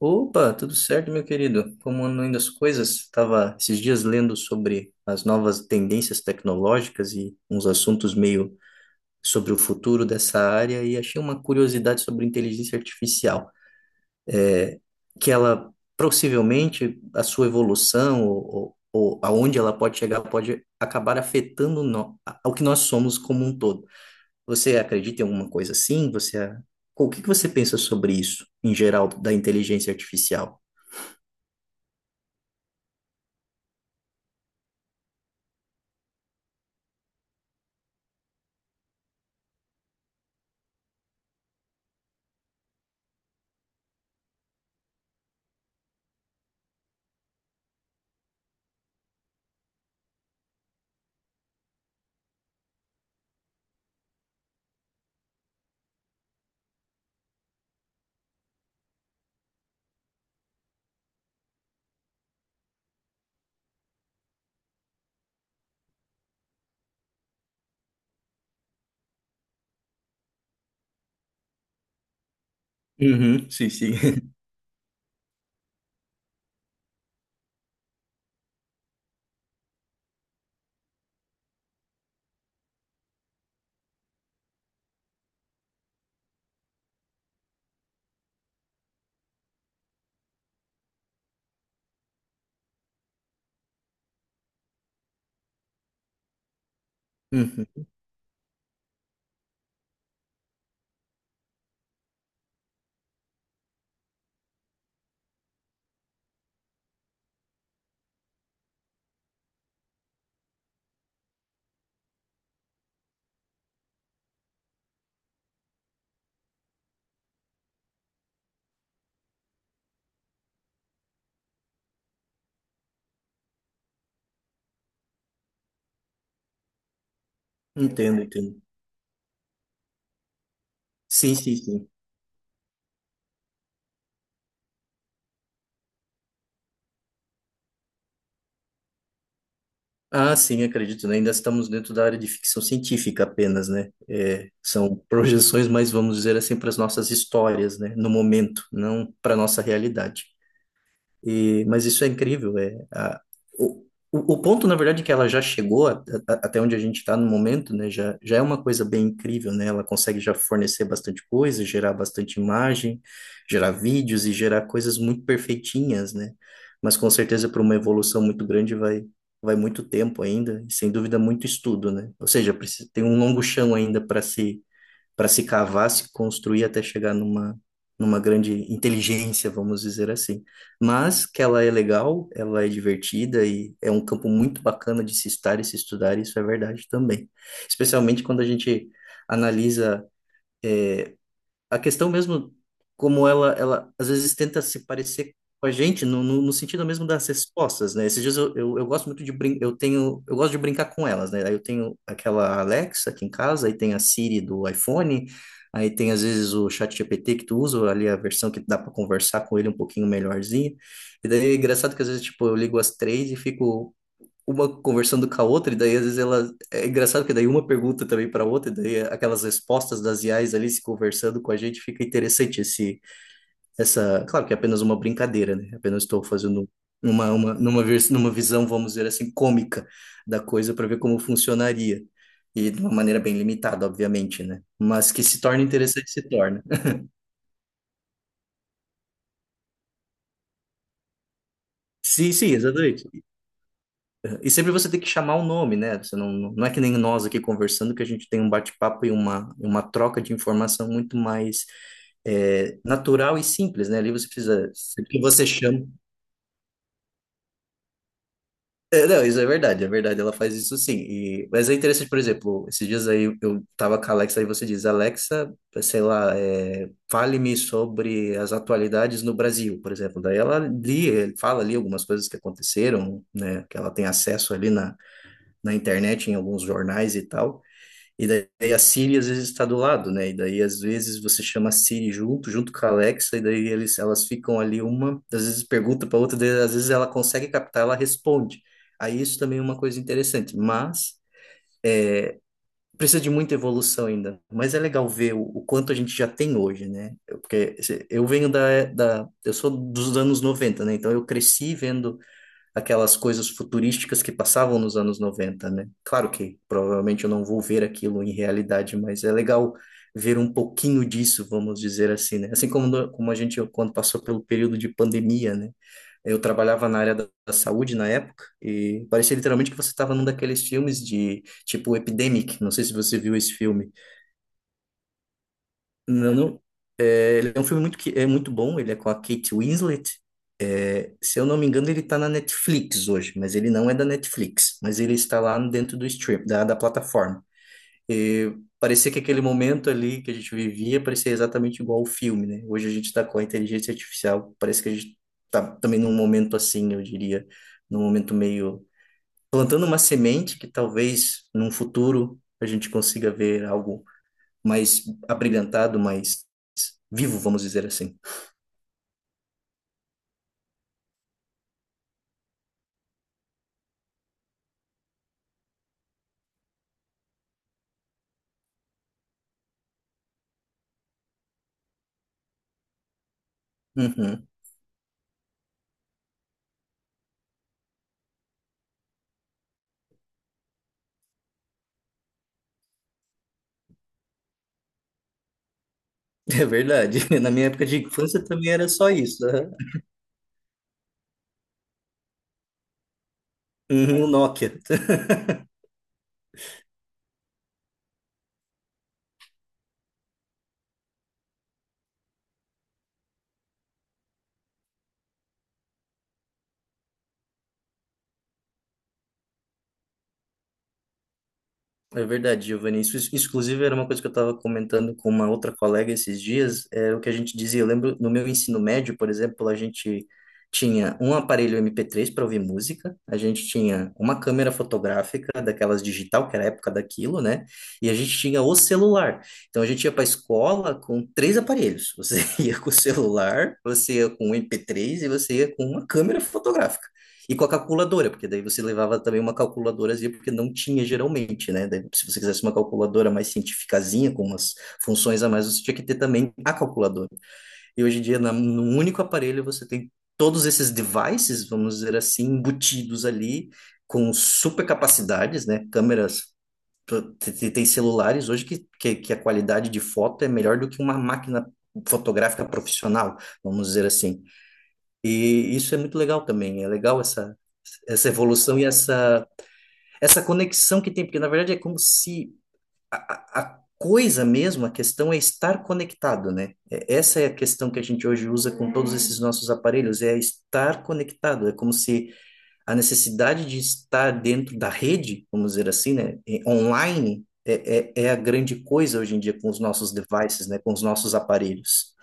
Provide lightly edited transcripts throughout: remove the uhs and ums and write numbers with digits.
Opa, tudo certo, meu querido? Como andam indo as coisas? Estava esses dias lendo sobre as novas tendências tecnológicas e uns assuntos meio sobre o futuro dessa área e achei uma curiosidade sobre inteligência artificial, que ela possivelmente a sua evolução ou aonde ela pode chegar pode acabar afetando no, ao que nós somos como um todo. Você acredita em alguma coisa assim? Você, o que que você pensa sobre isso em geral da inteligência artificial? Uhum, sim, sim. Uhum. Entendo, entendo. Sim, sim, sim. Ah, sim, acredito, né? Ainda estamos dentro da área de ficção científica apenas, né? É, são projeções, mas vamos dizer assim, para as nossas histórias, né? No momento, não para a nossa realidade. E, mas isso é incrível. É, a, o ponto, na verdade, é que ela já chegou até onde a gente está no momento, né? Já, já é uma coisa bem incrível, né? Ela consegue já fornecer bastante coisa, gerar bastante imagem, gerar vídeos e gerar coisas muito perfeitinhas, né? Mas com certeza para uma evolução muito grande vai muito tempo ainda, e sem dúvida muito estudo, né? Ou seja, precisa, tem um longo chão ainda para se cavar, se construir até chegar numa grande inteligência, vamos dizer assim. Mas que ela é legal, ela é divertida e é um campo muito bacana de se estar e se estudar, isso é verdade também. Especialmente quando a gente analisa eh, a questão mesmo, como ela às vezes tenta se parecer com a gente, no sentido mesmo das respostas, né? Esses dias eu gosto muito de brin eu tenho, eu gosto de brincar com elas, né? Aí eu tenho aquela Alexa aqui em casa, aí tem a Siri do iPhone, aí tem às vezes o ChatGPT que tu usa, ali a versão que dá para conversar com ele um pouquinho melhorzinho. E daí é engraçado que às vezes, tipo, eu ligo as três e fico uma conversando com a outra, e daí às vezes ela. É engraçado que daí uma pergunta também para outra, e daí aquelas respostas das IAs ali se conversando com a gente, fica interessante esse, essa. Claro que é apenas uma brincadeira, né? Apenas estou fazendo numa visão, vamos dizer assim, cômica da coisa para ver como funcionaria. E de uma maneira bem limitada, obviamente, né? Mas que se torna interessante, se torna. Sim, sim, exatamente. E sempre você tem que chamar o nome, né? Você não, não é que nem nós aqui conversando, que a gente tem um bate-papo e uma troca de informação muito mais é, natural e simples, né? Ali você precisa, o que você chama. É, não, isso é verdade, ela faz isso sim. E, mas é interessante, por exemplo, esses dias aí eu tava com a Alexa e você diz, Alexa, sei lá, é, fale-me sobre as atualidades no Brasil, por exemplo. Daí ela li, fala ali algumas coisas que aconteceram, né? Que ela tem acesso ali na internet, em alguns jornais e tal. E daí a Siri às vezes está do lado, né? E daí às vezes você chama a Siri junto, junto com a Alexa, e daí eles, elas ficam ali uma, às vezes pergunta para outra, daí, às vezes ela consegue captar, ela responde. Aí isso também é uma coisa interessante, mas precisa de muita evolução ainda. Mas é legal ver o quanto a gente já tem hoje, né? Eu- Porque se- eu venho da, da, eu sou dos anos 90, né? Então eu cresci vendo aquelas coisas futurísticas que passavam nos anos 90, né? Claro que provavelmente eu não vou ver aquilo em realidade, mas é legal ver um pouquinho disso, vamos dizer assim, né? Assim como, como a gente, quando passou pelo período de pandemia, né? Eu trabalhava na área da saúde na época e parecia literalmente que você estava num daqueles filmes de, tipo, Epidemic, não sei se você viu esse filme. Não, não. É, ele é um filme muito, é muito bom, ele é com a Kate Winslet. É, se eu não me engano, ele está na Netflix hoje, mas ele não é da Netflix, mas ele está lá dentro do stream, da plataforma. E parecia que aquele momento ali que a gente vivia parecia exatamente igual ao filme, né? Hoje a gente está com a inteligência artificial, parece que a gente está também num momento assim, eu diria, num momento meio plantando uma semente que talvez num futuro a gente consiga ver algo mais abrilhantado, mais vivo, vamos dizer assim. Uhum. É verdade. Na minha época de infância também era só isso. Aham. Uhum, o Nokia. É verdade, Giovanni. Isso, inclusive, era uma coisa que eu estava comentando com uma outra colega esses dias, é o que a gente dizia. Eu lembro, no meu ensino médio, por exemplo, a gente tinha um aparelho MP3 para ouvir música, a gente tinha uma câmera fotográfica, daquelas digital, que era a época daquilo, né? E a gente tinha o celular. Então, a gente ia para a escola com três aparelhos. Você ia com o celular, você ia com o MP3 e você ia com uma câmera fotográfica. E com a calculadora, porque daí você levava também uma calculadorazinha, porque não tinha geralmente, né? Daí, se você quisesse uma calculadora mais cientificazinha, com umas funções a mais, você tinha que ter também a calculadora. E hoje em dia, num único aparelho, você tem todos esses devices, vamos dizer assim, embutidos ali, com super capacidades, né? Câmeras, tem celulares hoje que a qualidade de foto é melhor do que uma máquina fotográfica profissional, vamos dizer assim. E isso é muito legal também. É legal essa evolução e essa conexão que tem, porque na verdade é como se a coisa mesmo, a questão é estar conectado, né? Essa é a questão que a gente hoje usa com todos esses nossos aparelhos, é estar conectado. É como se a necessidade de estar dentro da rede, vamos dizer assim, né? Online. É a grande coisa hoje em dia com os nossos devices, né? Com os nossos aparelhos.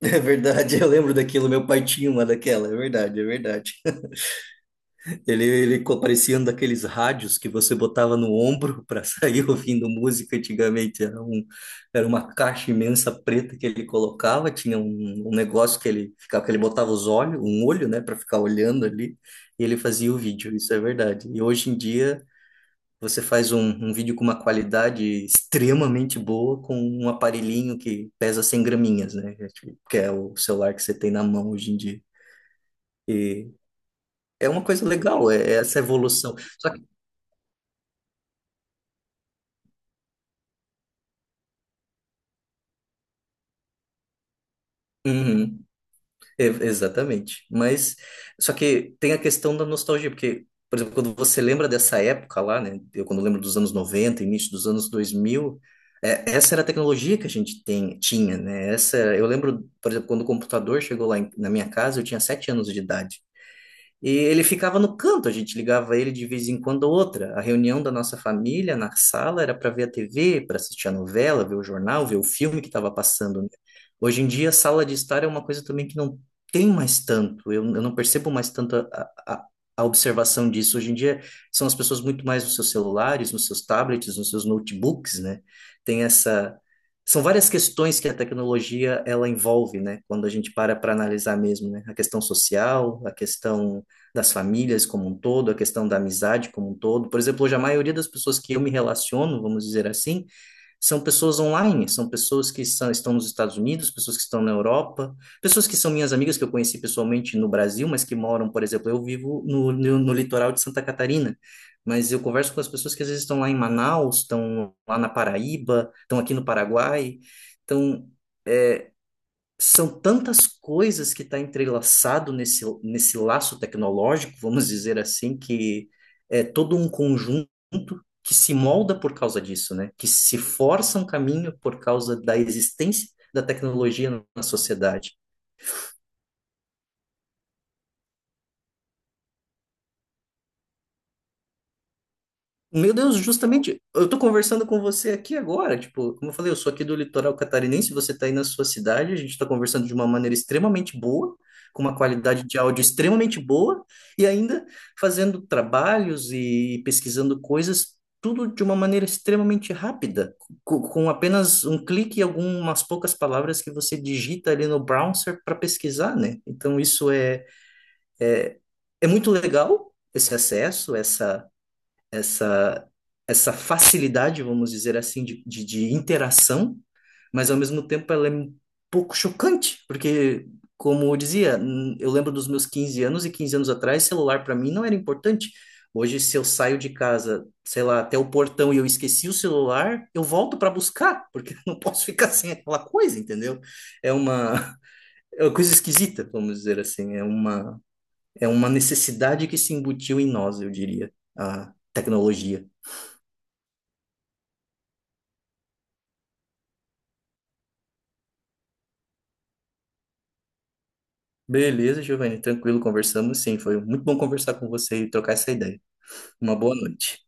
É verdade, eu lembro daquilo, meu pai tinha uma daquela, é verdade, é verdade. Ele, Parecia um daqueles rádios que você botava no ombro para sair ouvindo música antigamente. Era um, era uma caixa imensa preta que ele colocava, tinha um, um negócio que ele ficava, que ele botava os olhos, um olho, né, para ficar olhando ali, e ele fazia o vídeo, isso é verdade. E hoje em dia você faz um, um vídeo com uma qualidade extremamente boa com um aparelhinho que pesa 100 graminhas, né? Que é o celular que você tem na mão hoje em dia. E é uma coisa legal, é essa evolução. Só Uhum, exatamente. Mas só que tem a questão da nostalgia, porque, por exemplo, quando você lembra dessa época lá, né? Eu quando lembro dos anos 90, início dos anos 2000, é, essa era a tecnologia que a gente tem, tinha, né? Essa, eu lembro, por exemplo, quando o computador chegou na minha casa, eu tinha 7 anos de idade. E ele ficava no canto, a gente ligava ele de vez em quando ou outra. A reunião da nossa família na sala era para ver a TV, para assistir a novela, ver o jornal, ver o filme que estava passando, né? Hoje em dia, sala de estar é uma coisa também que não tem mais tanto. Eu não percebo mais tanto a observação disso. Hoje em dia, são as pessoas muito mais nos seus celulares, nos seus tablets, nos seus notebooks, né? Tem essa. São várias questões que a tecnologia ela envolve, né? Quando a gente para para analisar mesmo, né? A questão social, a questão das famílias como um todo, a questão da amizade como um todo. Por exemplo, hoje a maioria das pessoas que eu me relaciono, vamos dizer assim, são pessoas online, são pessoas que são, estão nos Estados Unidos, pessoas que estão na Europa, pessoas que são minhas amigas que eu conheci pessoalmente no Brasil, mas que moram, por exemplo, eu vivo no litoral de Santa Catarina, mas eu converso com as pessoas que às vezes estão lá em Manaus, estão lá na Paraíba, estão aqui no Paraguai. Então, É, são tantas coisas que está entrelaçado nesse, nesse laço tecnológico, vamos dizer assim, que é todo um conjunto que se molda por causa disso, né? Que se força um caminho por causa da existência da tecnologia na sociedade. Meu Deus, justamente, eu tô conversando com você aqui agora, tipo, como eu falei, eu sou aqui do litoral catarinense, você tá aí na sua cidade, a gente tá conversando de uma maneira extremamente boa, com uma qualidade de áudio extremamente boa, e ainda fazendo trabalhos e pesquisando coisas, tudo de uma maneira extremamente rápida, com, apenas um clique e algumas poucas palavras que você digita ali no browser para pesquisar, né? Então isso é, é muito legal, esse acesso, essa, essa facilidade, vamos dizer assim, de interação, mas ao mesmo tempo ela é um pouco chocante, porque, como eu dizia, eu lembro dos meus 15 anos e 15 anos atrás, celular para mim não era importante. Hoje, se eu saio de casa, sei lá, até o portão e eu esqueci o celular, eu volto para buscar, porque eu não posso ficar sem aquela coisa, entendeu? É uma, é uma coisa esquisita, vamos dizer assim. É uma necessidade que se embutiu em nós, eu diria, a tecnologia. Beleza, Giovanni, tranquilo, conversamos sim. Foi muito bom conversar com você e trocar essa ideia. Uma boa noite.